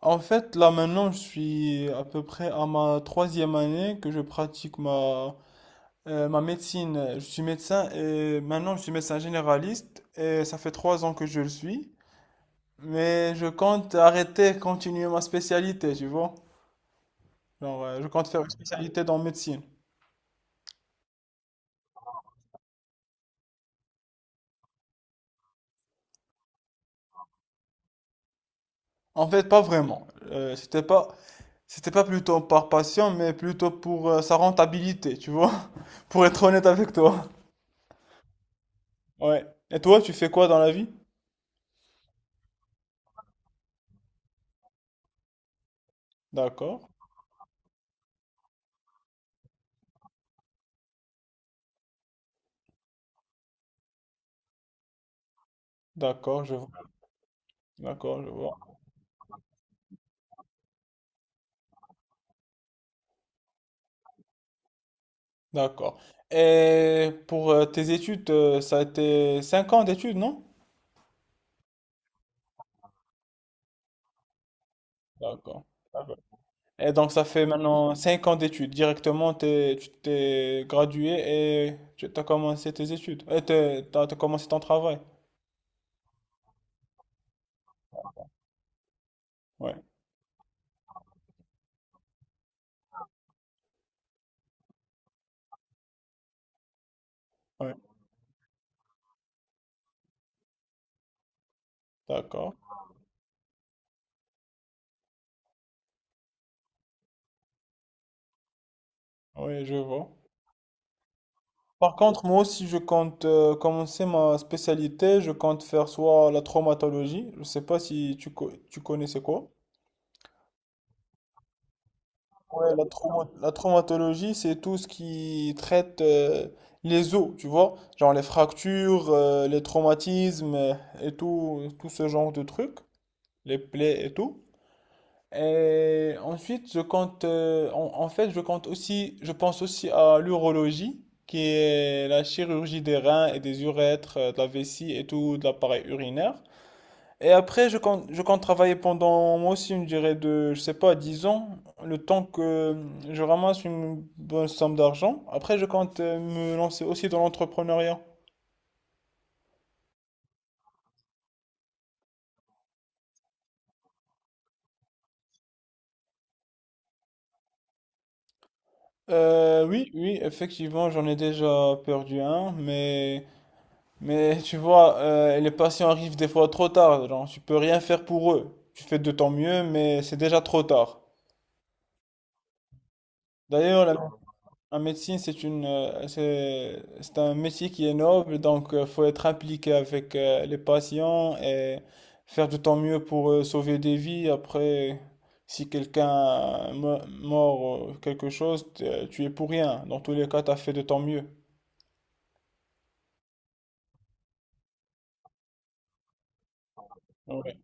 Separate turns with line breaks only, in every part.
En fait, là maintenant, je suis à peu près à ma 3e année que je pratique ma médecine. Je suis médecin et maintenant je suis médecin généraliste et ça fait 3 ans que je le suis. Mais je compte arrêter, continuer ma spécialité, tu vois. Je compte faire une spécialité dans médecine. En fait, pas vraiment. C'était pas plutôt par passion, mais plutôt pour sa rentabilité, tu vois. Pour être honnête avec toi. Ouais. Et toi, tu fais quoi dans la vie? D'accord, d'accord, je vois. D'accord, je vois. D'accord. Et pour tes études, ça a été 5 ans d'études, non? D'accord. D'accord. Et donc, ça fait maintenant 5 ans d'études. Directement, tu t'es gradué et tu as commencé tes études. Et t'as commencé ton travail. Ouais, ouais. D'accord. Oui, je vois. Par contre, moi aussi, je compte commencer ma spécialité. Je compte faire soit la traumatologie. Je sais pas si tu connais c'est quoi. Ouais, la traumatologie, c'est tout ce qui traite les os, tu vois, genre les fractures, les traumatismes et tout, tout ce genre de trucs, les plaies et tout. Et ensuite, je compte, en, en fait, je compte aussi, je pense aussi à l'urologie, qui est la chirurgie des reins et des urètres, de la vessie et tout, de l'appareil urinaire. Et après, je compte travailler pendant, moi aussi, une durée de, je sais pas, 10 ans, le temps que je ramasse une bonne somme d'argent. Après, je compte me lancer aussi dans l'entrepreneuriat. Oui, oui, effectivement, j'en ai déjà perdu un, mais tu vois, les patients arrivent des fois trop tard, genre, tu peux rien faire pour eux. Tu fais de ton mieux, mais c'est déjà trop tard. D'ailleurs, la Un médecin, c'est un métier qui est noble, donc il faut être impliqué avec les patients et faire de ton mieux pour sauver des vies. Après, si quelqu'un mort quelque chose, tu es pour rien. Dans tous les cas, tu as fait de ton mieux. Ouais.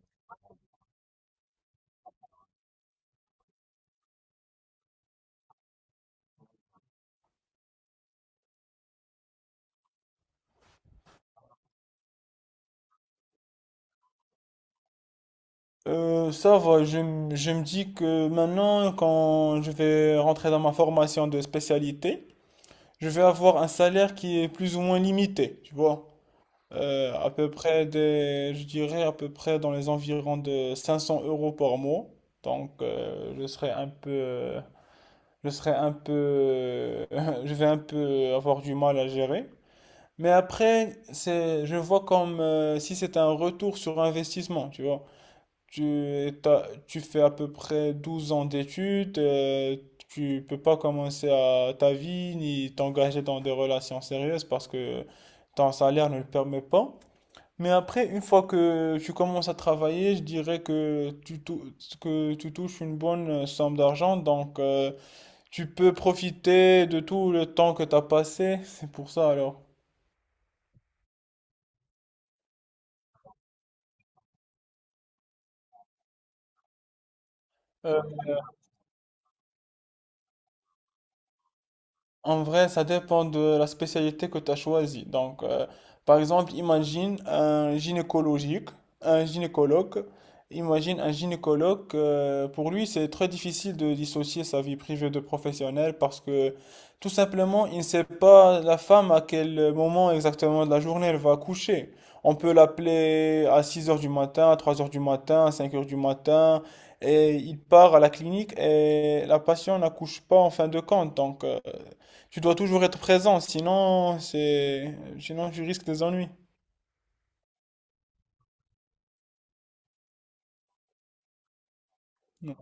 Ça va, je me dis que maintenant, quand je vais rentrer dans ma formation de spécialité, je vais avoir un salaire qui est plus ou moins limité, tu vois. À peu près des, je dirais à peu près dans les environs de 500 euros par mois. Donc, euh, je serai un peu, je serai un peu, je vais un peu avoir du mal à gérer. Je vois comme si c'est un retour sur investissement, tu vois. Tu fais à peu près 12 ans d'études, tu peux pas commencer à ta vie ni t'engager dans des relations sérieuses parce que ton salaire ne le permet pas. Mais après, une fois que tu commences à travailler, je dirais que que tu touches une bonne somme d'argent, donc tu peux profiter de tout le temps que tu as passé. C'est pour ça alors. Euh, En vrai, ça dépend de la spécialité que tu as choisie. Par exemple, un gynécologue. Imagine un gynécologue, pour lui, c'est très difficile de dissocier sa vie privée de professionnelle parce que tout simplement, il ne sait pas la femme à quel moment exactement de la journée elle va coucher. On peut l'appeler à 6 heures du matin, à 3 heures du matin, à 5 heures du matin, et il part à la clinique et la patiente n'accouche pas en fin de compte. Tu dois toujours être présent, sinon tu risques des ennuis. Non.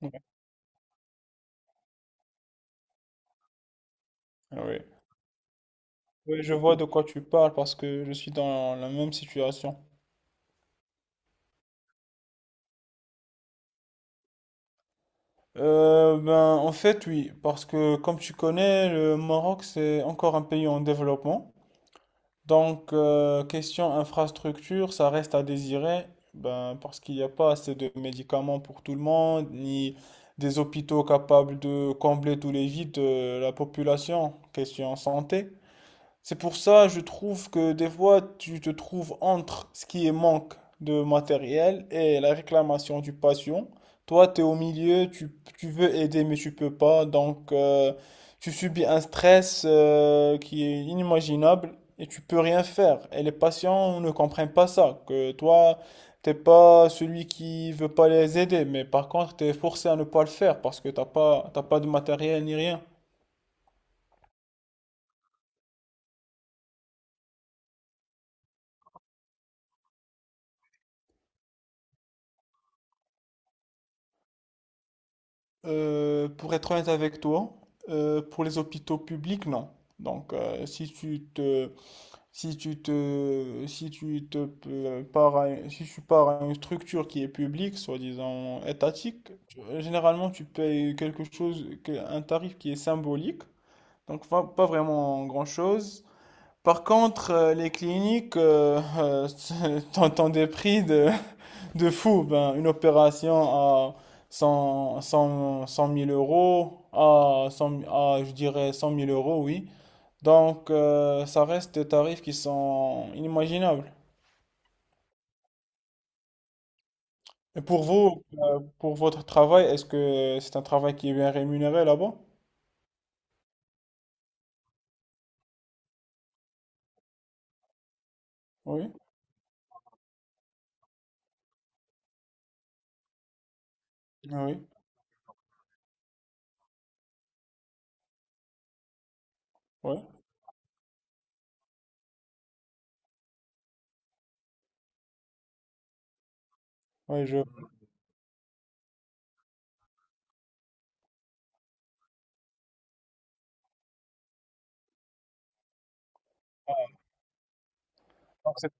Ouais. Ah oui, oui, je vois de quoi tu parles parce que je suis dans la même situation. En fait, oui, parce que comme tu connais, le Maroc, c'est encore un pays en développement. Question infrastructure, ça reste à désirer, ben, parce qu'il n'y a pas assez de médicaments pour tout le monde, ni des hôpitaux capables de combler tous les vides de la population. Question santé. C'est pour ça, je trouve que des fois, tu te trouves entre ce qui est manque de matériel et la réclamation du patient. Toi, tu es au milieu, tu veux aider, mais tu peux pas. Tu subis un stress qui est inimaginable et tu peux rien faire. Et les patients ne comprennent pas ça, que toi, t'es pas celui qui veut pas les aider, mais par contre, tu es forcé à ne pas le faire parce que t'as pas de matériel ni rien. Pour être honnête avec toi, pour les hôpitaux publics, non. Donc, euh, si tu te, si tu te si tu pars à une structure qui est publique, soi-disant étatique, généralement tu payes quelque chose, un tarif qui est symbolique, donc pas vraiment grand-chose. Par contre, les cliniques, t'entends des prix de fou, ben, une opération à 100 000 euros, je dirais 100 000 euros, oui. Ça reste des tarifs qui sont inimaginables. Et pour vous, pour votre travail, est-ce que c'est un travail qui est bien rémunéré là-bas? Oui, ah oui, ouais, ouais, je... Donc c'est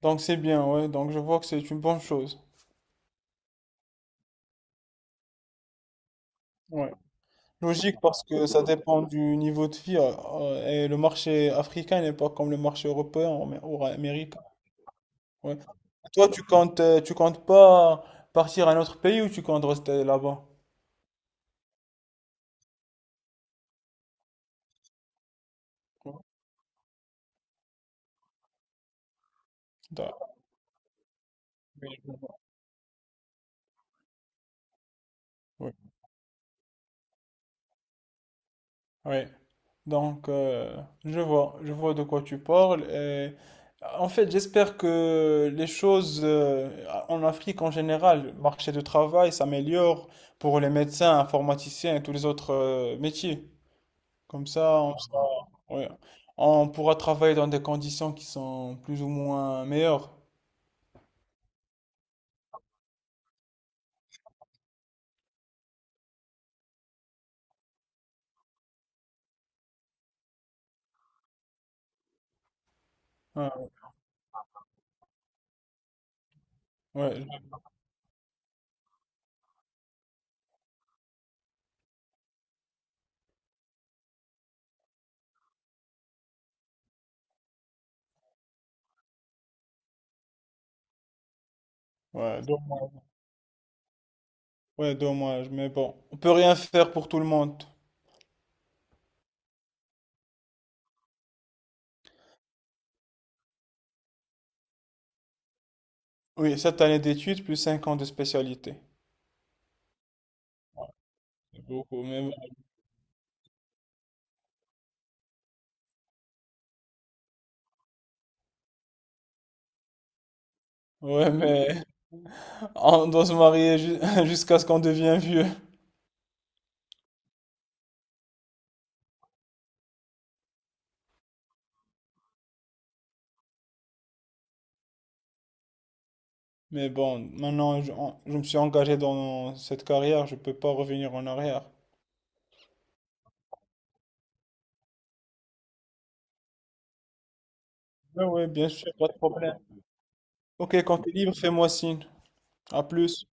donc c'est bien, ouais, donc je vois que c'est une bonne chose. Ouais. Logique parce que ça dépend du niveau de vie et le marché africain n'est pas comme le marché européen ou ou américain. Ouais. Toi, tu comptes pas partir à un autre pays ou tu comptes rester là-bas? D'a- Oui. Oui. Oui. Donc, euh, je vois de quoi tu parles. Et en fait, j'espère que les choses en Afrique en général, le marché du travail s'améliore pour les médecins, informaticiens et tous les autres métiers. Comme ça, on sera- ouais. On pourra travailler dans des conditions qui sont plus ou moins meilleures. Ouais, ouais, ouais. Donc, ouais, dommage, mais bon, on peut rien faire pour tout le monde. Oui, 7 années d'études plus 5 ans de spécialité. C'est beaucoup, mais bon. Ouais, mais on doit se marier jusqu'à ce qu'on devienne vieux. Mais bon, maintenant, je me suis engagé dans cette carrière, je peux pas revenir en arrière. Ouais, ouais, bien sûr, pas de problème. Ok, quand t'es libre, fais-moi signe. À plus.